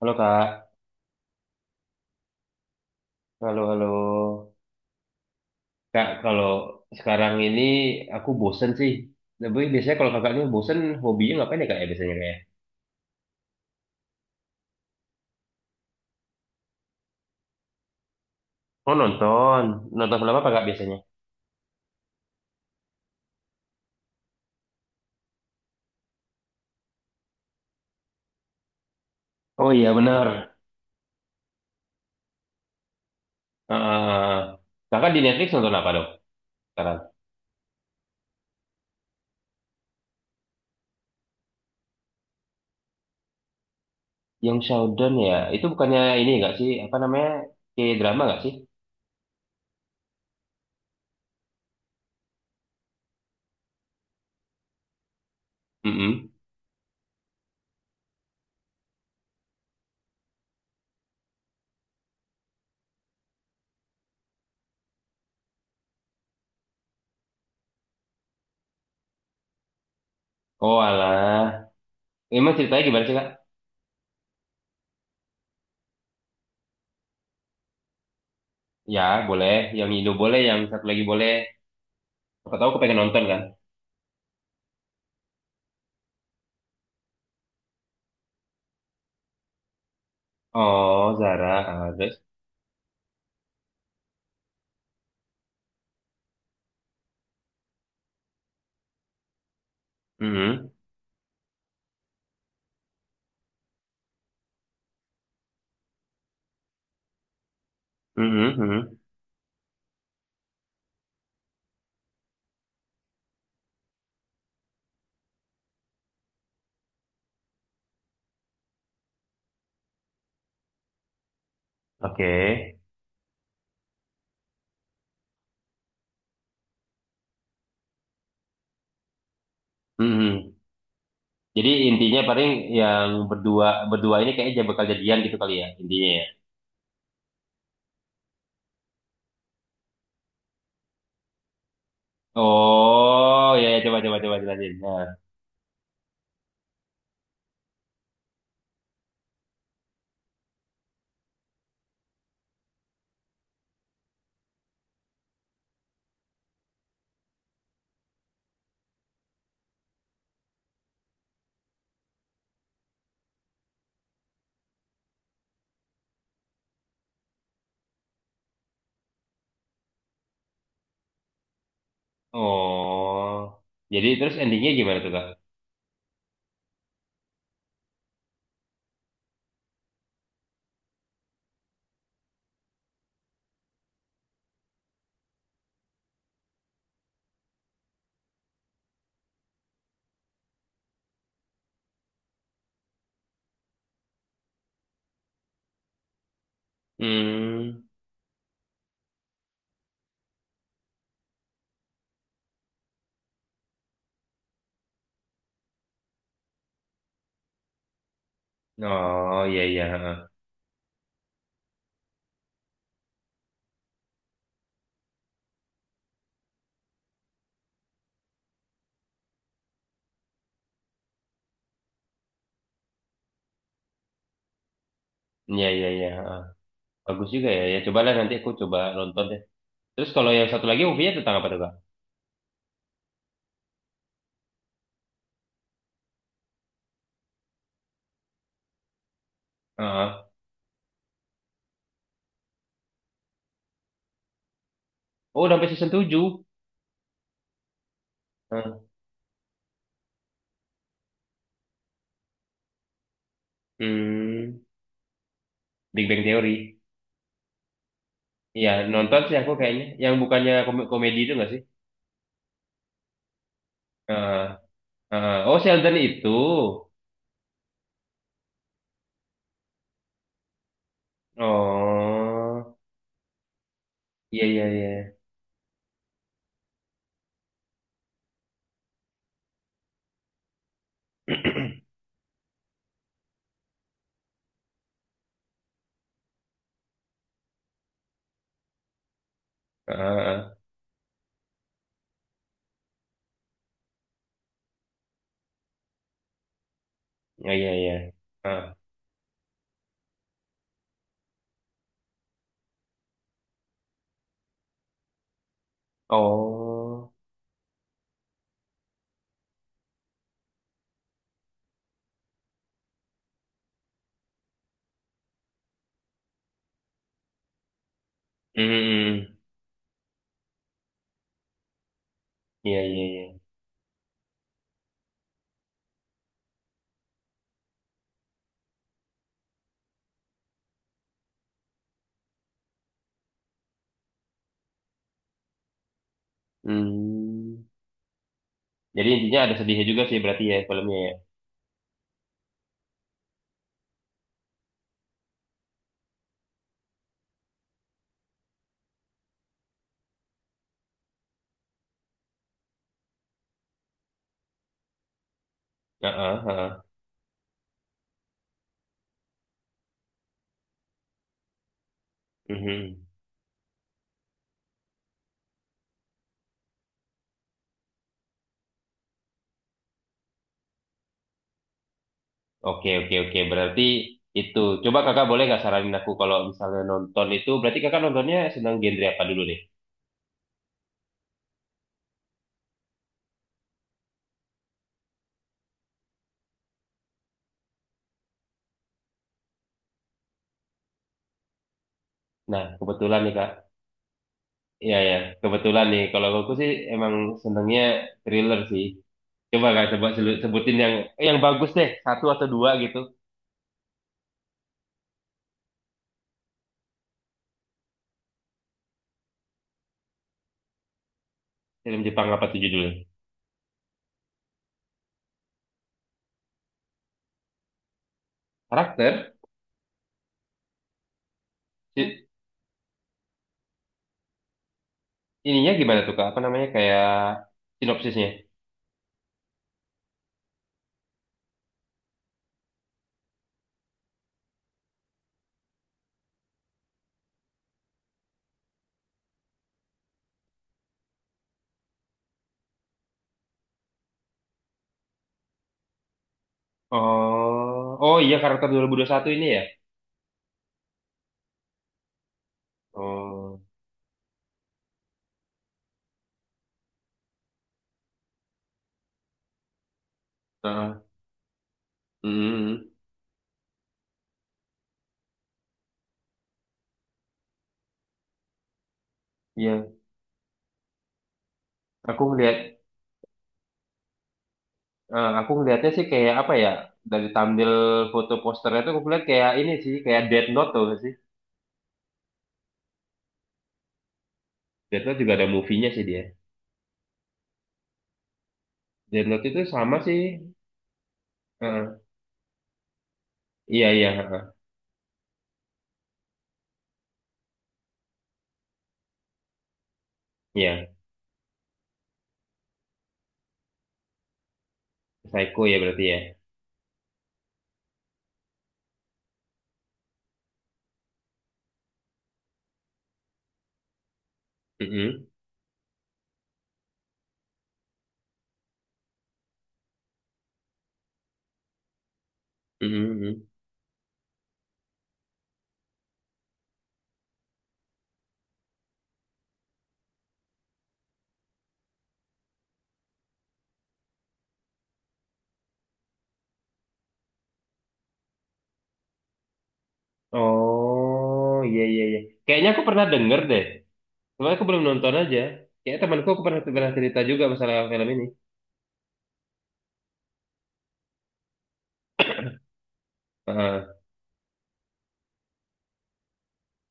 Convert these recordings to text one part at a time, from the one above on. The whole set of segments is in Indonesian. Halo Kak, halo, halo Kak. Kalau sekarang ini aku bosen sih. Tapi biasanya kalau kakak ini bosen, hobinya ngapain ya Kak ya biasanya kayak? Oh nonton, nonton film apa Kak biasanya? Oh iya benar. Heeh. Kakak di Netflix nonton apa dong sekarang? Yang Showdown ya, itu bukannya ini nggak sih? Apa namanya? Kayak drama nggak sih? Mm-mm. Oh alah, emang ceritanya gimana sih Kak? Ya boleh, yang Indo boleh, yang satu lagi boleh. Siapa tahu aku pengen nonton kan? Oh Zara, ah, terus. Mm-mm. Mhm, mhm. Oke. Mhm. Jadi intinya paling yang berdua berdua ini kayaknya bakal jadian gitu kali ya intinya ya. Oh, ya ya, coba coba coba jelasin. Nah. Oh. Jadi terus endingnya gimana tuh, Kak? Hmm. Oh, iya iya, heeh. Iya iya iya, heeh. Bagus juga ya. Ya cobalah nanti aku coba nonton deh. Terus kalau yang satu lagi movie-nya tentang apa tuh, Kak? Heeh. Oh, udah sampai season 7. Heeh. Hmm. Big Bang Theory. Iya, nonton sih aku kayaknya. Yang bukannya komedi itu nggak sih? Eh, eh, oh, Sheldon itu. Oh, iya, iya, iya. Heeh, iya, iya, iya. Heeh. Oh, hmm, hmm. Hmm. Iya, iya, iya. Hmm. Jadi intinya ada sedihnya juga sih berarti ya filmnya ya. Heeh, heeh. Mhm. Oke, oke, oke. Berarti itu. Coba kakak boleh nggak saranin aku kalau misalnya nonton itu, berarti kakak nontonnya senang genre apa dulu deh? Nah, kebetulan nih kak. Iya ya, kebetulan nih. Kalau aku sih emang senengnya thriller sih. Coba kak, coba sebutin yang yang bagus deh, satu atau dua gitu. Film Jepang apa tuh judulnya? Karakter? Si- ininya gimana tuh kak? Apa namanya kayak sinopsisnya? Oh, oh iya karakter 221 ini ya. Oh, heeh. Hmm, iya. Aku ngeliat, aku ngeliatnya sih kayak apa ya? Dari tampil foto posternya tuh aku lihat kayak ini sih, kayak Death Note tuh sih. Death Note juga ada movie-nya sih dia. Deadlock itu sama sih. Heeh. Iya, iya, heeh. Iya. Psycho ya berarti ya. Mm-mm. Mm-mm, mm-mm. Oh, iya, iya, iya. Kayaknya aku pernah denger deh. Cuma aku belum nonton aja. Kayak temanku aku pernah cerita juga masalah film ini. Heeh.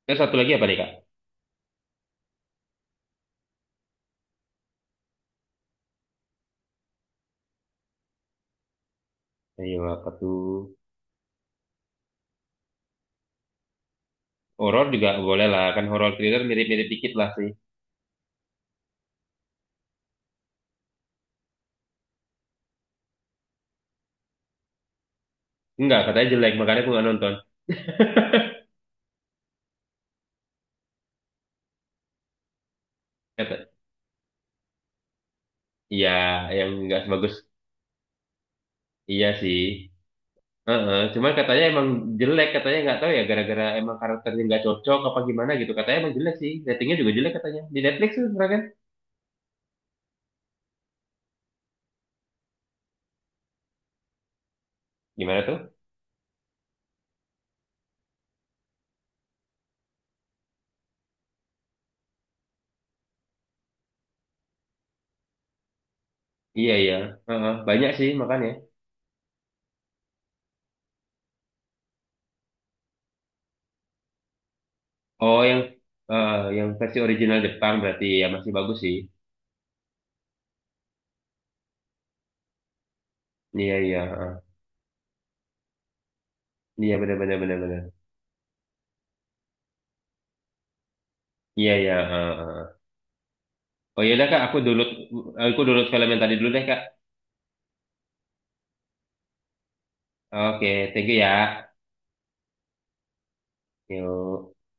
Terus satu lagi apa nih, Kak? Ayo, apa tuh? Horor juga boleh lah. Kan horor thriller mirip-mirip dikit lah sih. Enggak, katanya jelek. Makanya aku nggak nonton. Kata, iya, yang nggak sebagus. Iya sih. Heeh, cuman katanya emang jelek, katanya nggak tahu ya gara-gara emang karakternya nggak cocok apa gimana gitu. Katanya emang jelek sih, ratingnya juga jelek katanya. Di Netflix tuh kan? Gimana tuh? Iya iya, heeh, banyak sih makanya. Oh yang yang versi original Jepang berarti ya masih bagus sih. Iya iya, heeh. Iya benar benar benar benar. Iya iya, heeh, heeh. Oh iya kak, aku download film yang tadi dulu deh kak. Oke, thank you ya. Yuk.